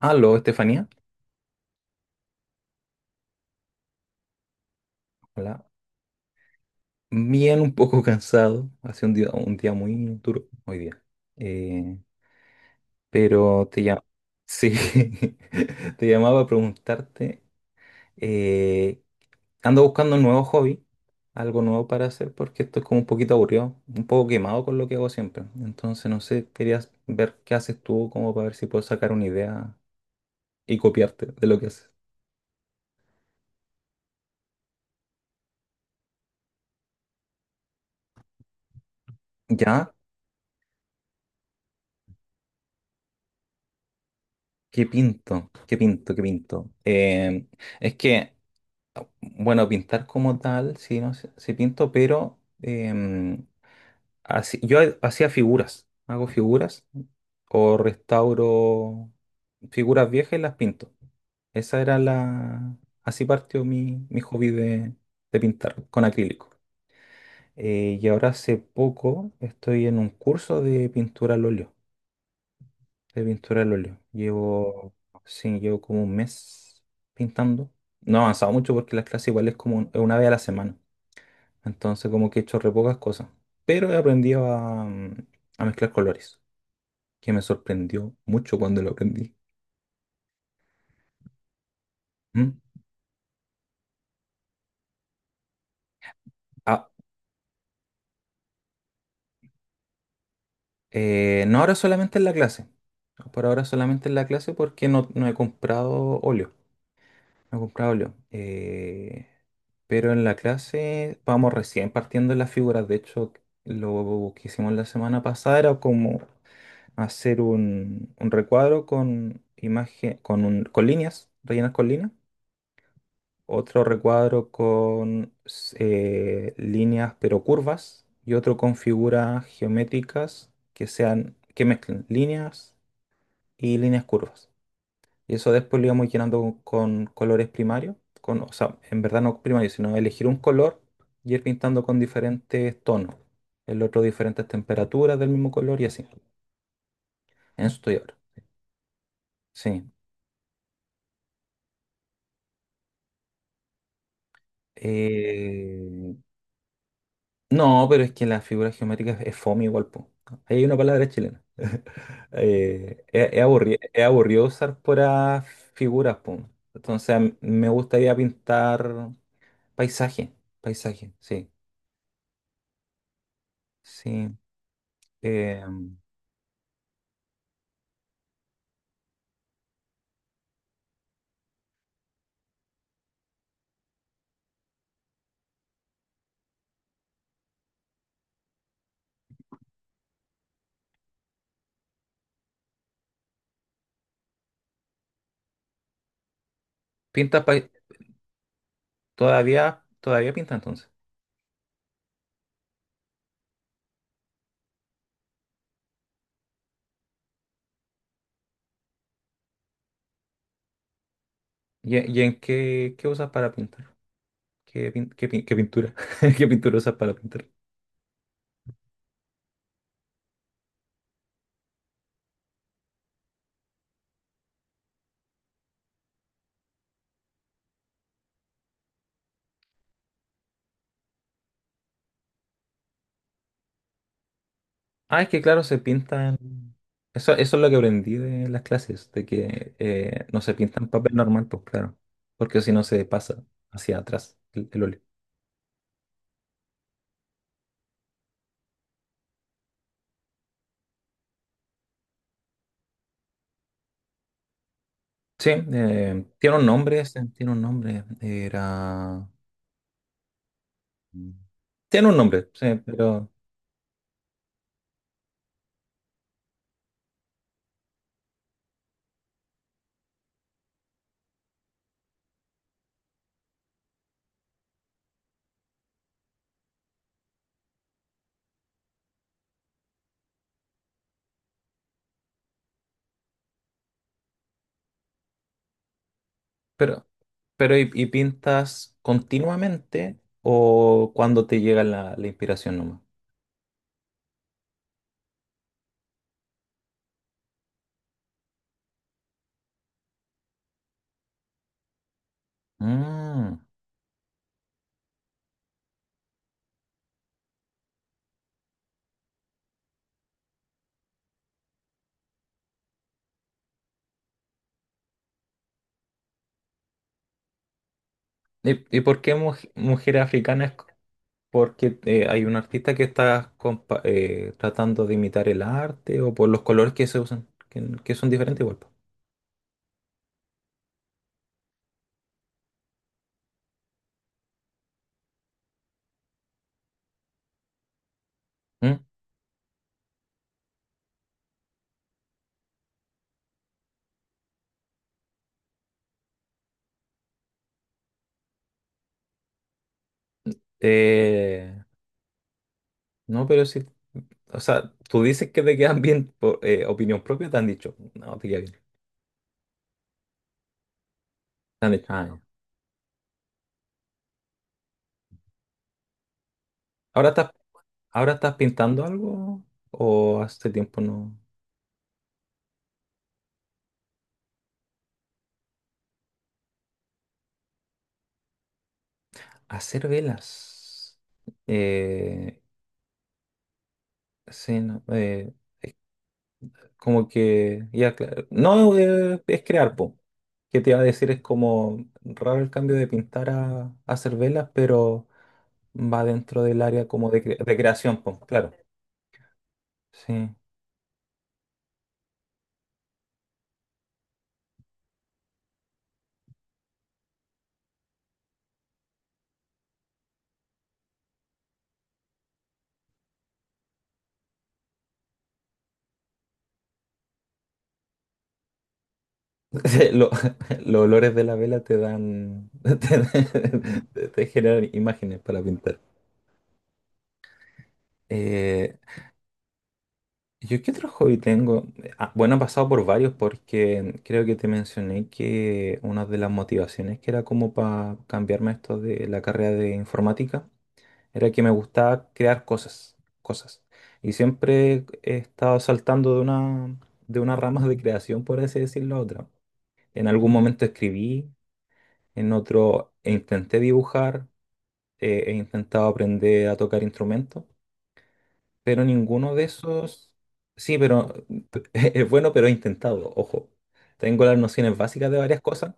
Aló, Estefanía. Hola. Bien, un poco cansado. Hace un día muy duro hoy día. Eh, pero Sí, te llamaba a preguntarte. eh, ando buscando un nuevo hobby, algo nuevo para hacer, porque esto es como un poquito aburrido, un poco quemado con lo que hago siempre. Entonces, no sé, querías ver qué haces tú, como para ver si puedo sacar una idea y copiarte de lo que haces. ¿Ya? ¿Qué pinto? ¿Qué pinto? ¿Qué pinto? Es que. Bueno, pintar como tal, sí, no sé, sí pinto, pero hacía figuras, hago figuras o restauro figuras viejas y las pinto. Esa era la... Así partió mi hobby de pintar con acrílico. Y ahora hace poco estoy en un curso de pintura al óleo, de pintura al óleo. Llevo, sí, llevo como un mes pintando. No he avanzado mucho porque las clases igual es como una vez a la semana. Entonces como que he hecho re pocas cosas. Pero he aprendido a, a mezclar colores, que me sorprendió mucho cuando lo aprendí. ¿Mm? Ah, no ahora solamente en la clase. Por ahora solamente en la clase porque no he comprado óleo. No he comprado óleo. Pero en la clase vamos recién partiendo en las figuras. De hecho, lo que hicimos la semana pasada era como hacer un recuadro con imagen, con, con líneas, rellenas con líneas otro recuadro con líneas pero curvas y otro con figuras geométricas que sean, que mezclen líneas y líneas curvas. Y eso después lo íbamos llenando con colores primarios, con, o sea, en verdad no primarios, sino elegir un color y ir pintando con diferentes tonos, el otro diferentes temperaturas del mismo color y así. En eso estoy ahora. Sí. Eh, no, pero es que las figuras geométricas es fome igual, po. Ahí hay una palabra chilena. Es es aburrido usar puras figuras, po. Entonces a mí me gustaría pintar paisaje, paisaje, sí, sí. Eh, pintas pai- todavía, todavía pinta entonces. Y en qué, qué usas para pintar? ¿Qué pintura? ¿Qué pintura usas para pintar? Ah, es que claro, se pintan. Eso es lo que aprendí de las clases, de que no se pinta en papel normal, pues claro, porque si no se pasa hacia atrás el óleo. Sí, tiene un nombre, ese, tiene un nombre, era... Tiene un nombre, sí, pero, pero y pintas continuamente o cuando te llega la, la inspiración nomás? Mm. Y por qué mujer africana es porque hay un artista que está tratando de imitar el arte o por los colores que se usan, que son diferentes igual. Po. ¿Mm? Eh, no, pero sí, o sea, tú dices que te quedan bien por opinión propia, te han dicho, no, te queda bien. Te han dicho, "Ah, ya". Ahora estás, ahora estás pintando algo o hace tiempo no. Hacer velas. Eh, sí, no, como que, ya, claro. No, es crear, po. ¿Qué te iba a decir? Es como raro el cambio de pintar a hacer velas, pero va dentro del área como de, de creación, pues, claro. Sí. Sí, los olores de la vela te dan, te, te generan imágenes para pintar. Eh, ¿Yo qué otro hobby tengo? Ah, bueno, he pasado por varios porque creo que te mencioné que una de las motivaciones que era como para cambiarme esto de la carrera de informática era que me gustaba crear cosas, cosas. Y siempre he estado saltando de una rama de creación, por así decirlo, a otra. En algún momento escribí, en otro intenté dibujar, he intentado aprender a tocar instrumentos, pero ninguno de esos... Sí, pero es bueno, pero he intentado, ojo. Tengo las nociones básicas de varias cosas,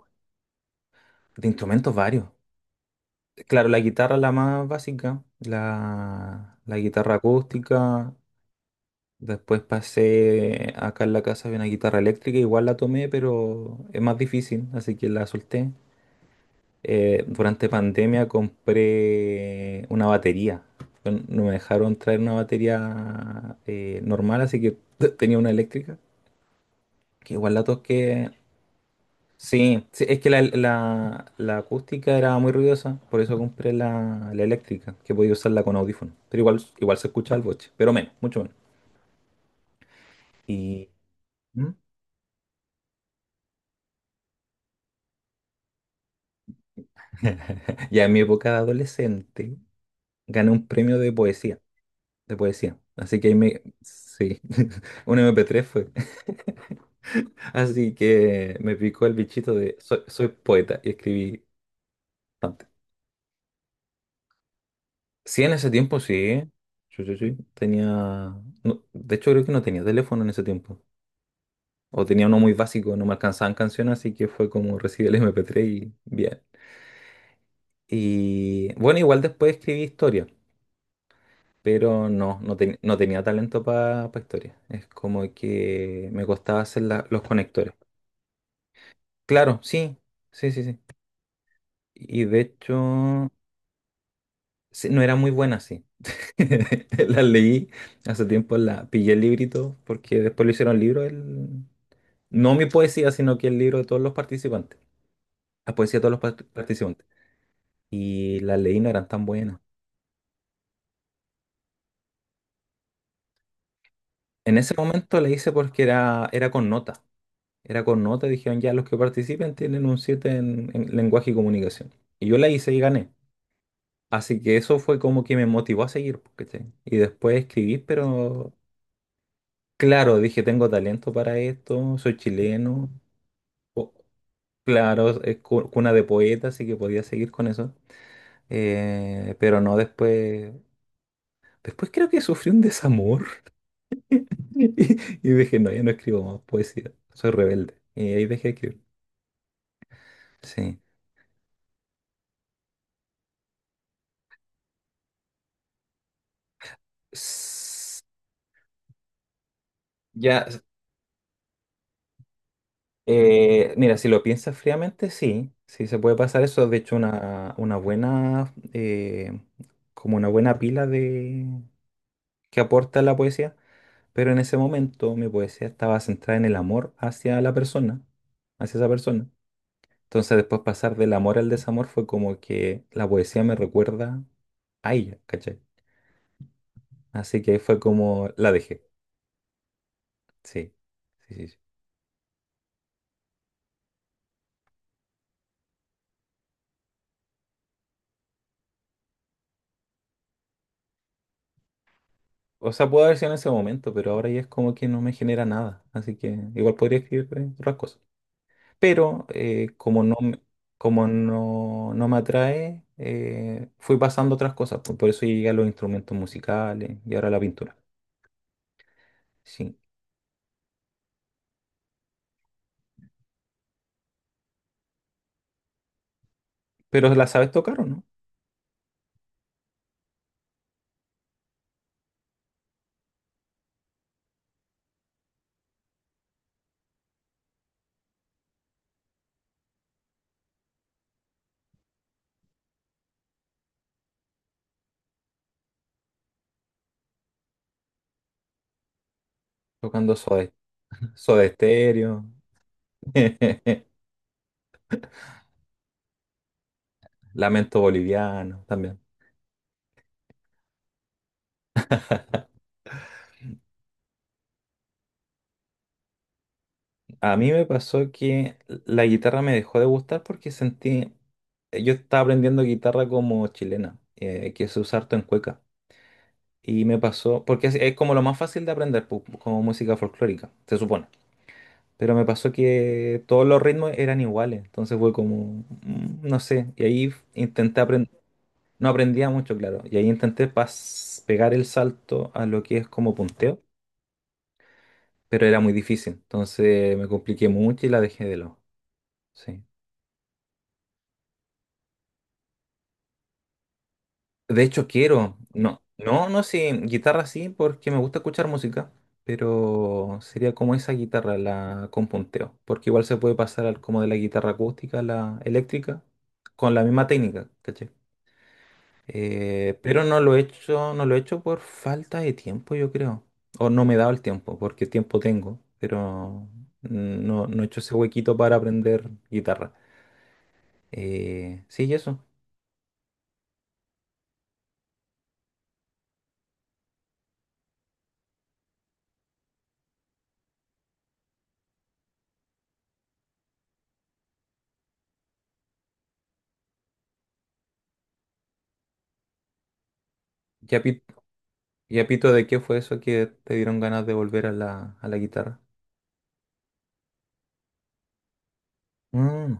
de instrumentos varios. Claro, la guitarra es la más básica, la guitarra acústica. Después pasé acá en la casa, había una guitarra eléctrica, igual la tomé, pero es más difícil, así que la solté. Durante pandemia compré una batería. No, no me dejaron traer una batería normal, así que tenía una eléctrica, que igual la toqué. Sí, sí, es que la acústica era muy ruidosa, por eso compré la eléctrica, que podía usarla con audífono. Pero igual, igual se escucha el boche, pero menos, mucho menos. Y... ¿Mm? Ya en mi época de adolescente gané un premio de poesía, de poesía. Así que ahí me... Sí, un MP3 fue. Así que me picó el bichito de soy, soy poeta y escribí bastante. Sí, en ese tiempo sí. Sí, sí, sí. Tenía... no, de hecho, creo que no tenía teléfono en ese tiempo. O tenía uno muy básico, no me alcanzaban canciones, así que fue como recibí el MP3 y bien. Y bueno, igual después escribí historia. Pero no tenía talento para historia. Es como que me costaba hacer los conectores. Claro, sí, sí, sí, sí. Y de hecho, sí, no era muy buena así. La leí hace tiempo, la pillé el librito, porque después lo hicieron libro, el... no mi poesía, sino que el libro de todos los participantes, la poesía de todos los participantes. Y las leí no eran tan buenas. En ese momento la hice porque era, era con nota. Era con nota, dijeron ya los que participen tienen un 7 en lenguaje y comunicación. Y yo la hice y gané. Así que eso fue como que me motivó a seguir, pues, ¿cachai? Y después escribí, pero claro, dije, tengo talento para esto, soy chileno, o- claro, es cuna de poetas, así que podía seguir con eso. Pero no después, después creo que sufrí un desamor y, y dije, no, ya no escribo más poesía, soy rebelde. Y ahí dejé de escribir. Sí. S- Ya, mira, si lo piensas fríamente, sí, sí se puede pasar eso. De hecho, una buena, como una buena pila de, que aporta la poesía. Pero en ese momento mi poesía estaba centrada en el amor hacia la persona, hacia esa persona. Entonces después pasar del amor al desamor fue como que la poesía me recuerda a ella, ¿cachai? Así que fue como la dejé. Sí, sí, sí. O sea, puedo haber sido en ese momento, pero ahora ya es como que no me genera nada. Así que igual podría escribir otras cosas. Pero como no, no me atrae, fui pasando otras cosas. Por eso llegué a los instrumentos musicales y ahora a la pintura. Sí. ¿Pero la sabes tocar o no? Tocando Soda, Soda Stereo, Lamento Boliviano también. A mí me pasó que la guitarra me dejó de gustar porque sentí, yo estaba aprendiendo guitarra como chilena, que se usa harto en cueca. Y me pasó, porque es como lo más fácil de aprender, como música folclórica, se supone. Pero me pasó que todos los ritmos eran iguales, entonces fue como, no sé, y ahí intenté aprender, no aprendía mucho, claro, y ahí intenté pegar el salto a lo que es como punteo, pero era muy difícil, entonces me compliqué mucho y la dejé de lado. Sí. De hecho, quiero. No, no, no, sí, guitarra sí, porque me gusta escuchar música, pero sería como esa guitarra, la con punteo, porque igual se puede pasar al, como de la guitarra acústica a la eléctrica con la misma técnica, ¿cachai? Pero no lo he hecho, no lo he hecho por falta de tiempo, yo creo. O no me he dado el tiempo, porque tiempo tengo, pero no he hecho ese huequito para aprender guitarra. Sí, y eso. Ya. Y a pito, ¿de qué fue eso que te dieron ganas de volver a la guitarra? Mm.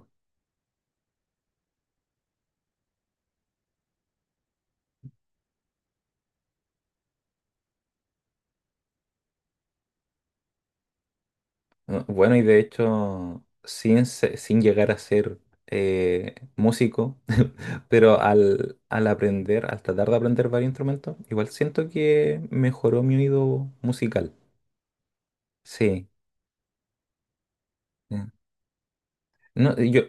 No, bueno, y de hecho, sin llegar a ser músico, pero al aprender, al tratar de aprender varios instrumentos, igual siento que mejoró mi oído musical. Sí. Mm. No, yo,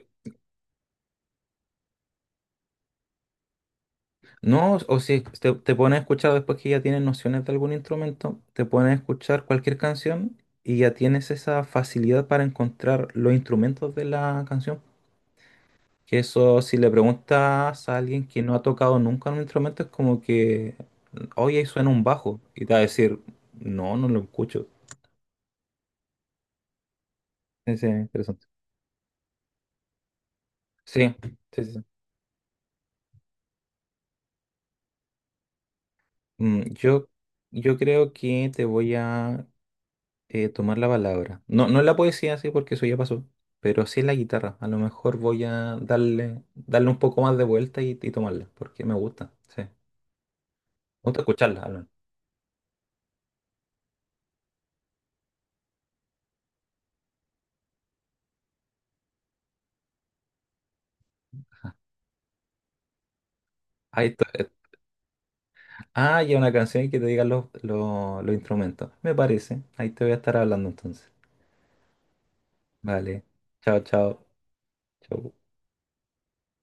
no, o si te pones a escuchar después que ya tienes nociones de algún instrumento, te pones a escuchar cualquier canción y ya tienes esa facilidad para encontrar los instrumentos de la canción. Que eso, si le preguntas a alguien que no ha tocado nunca un instrumento, es como que, oye, ahí suena un bajo. Y te va a decir, no, no lo escucho. Sí, sí, interesante. Sí, sí, sí. Sí. Mm, yo creo que te voy a tomar la palabra. No, no en la poesía, sí, porque eso ya pasó, pero sí en la guitarra. A lo mejor voy a darle, darle un poco más de vuelta y tomarla, porque me gusta, sí. Me gusta escucharla, al menos. Ahí estoy, ah, ya una canción y que te digan los instrumentos. Me parece. Ahí te voy a estar hablando entonces. Vale. Chao, chao. Chao.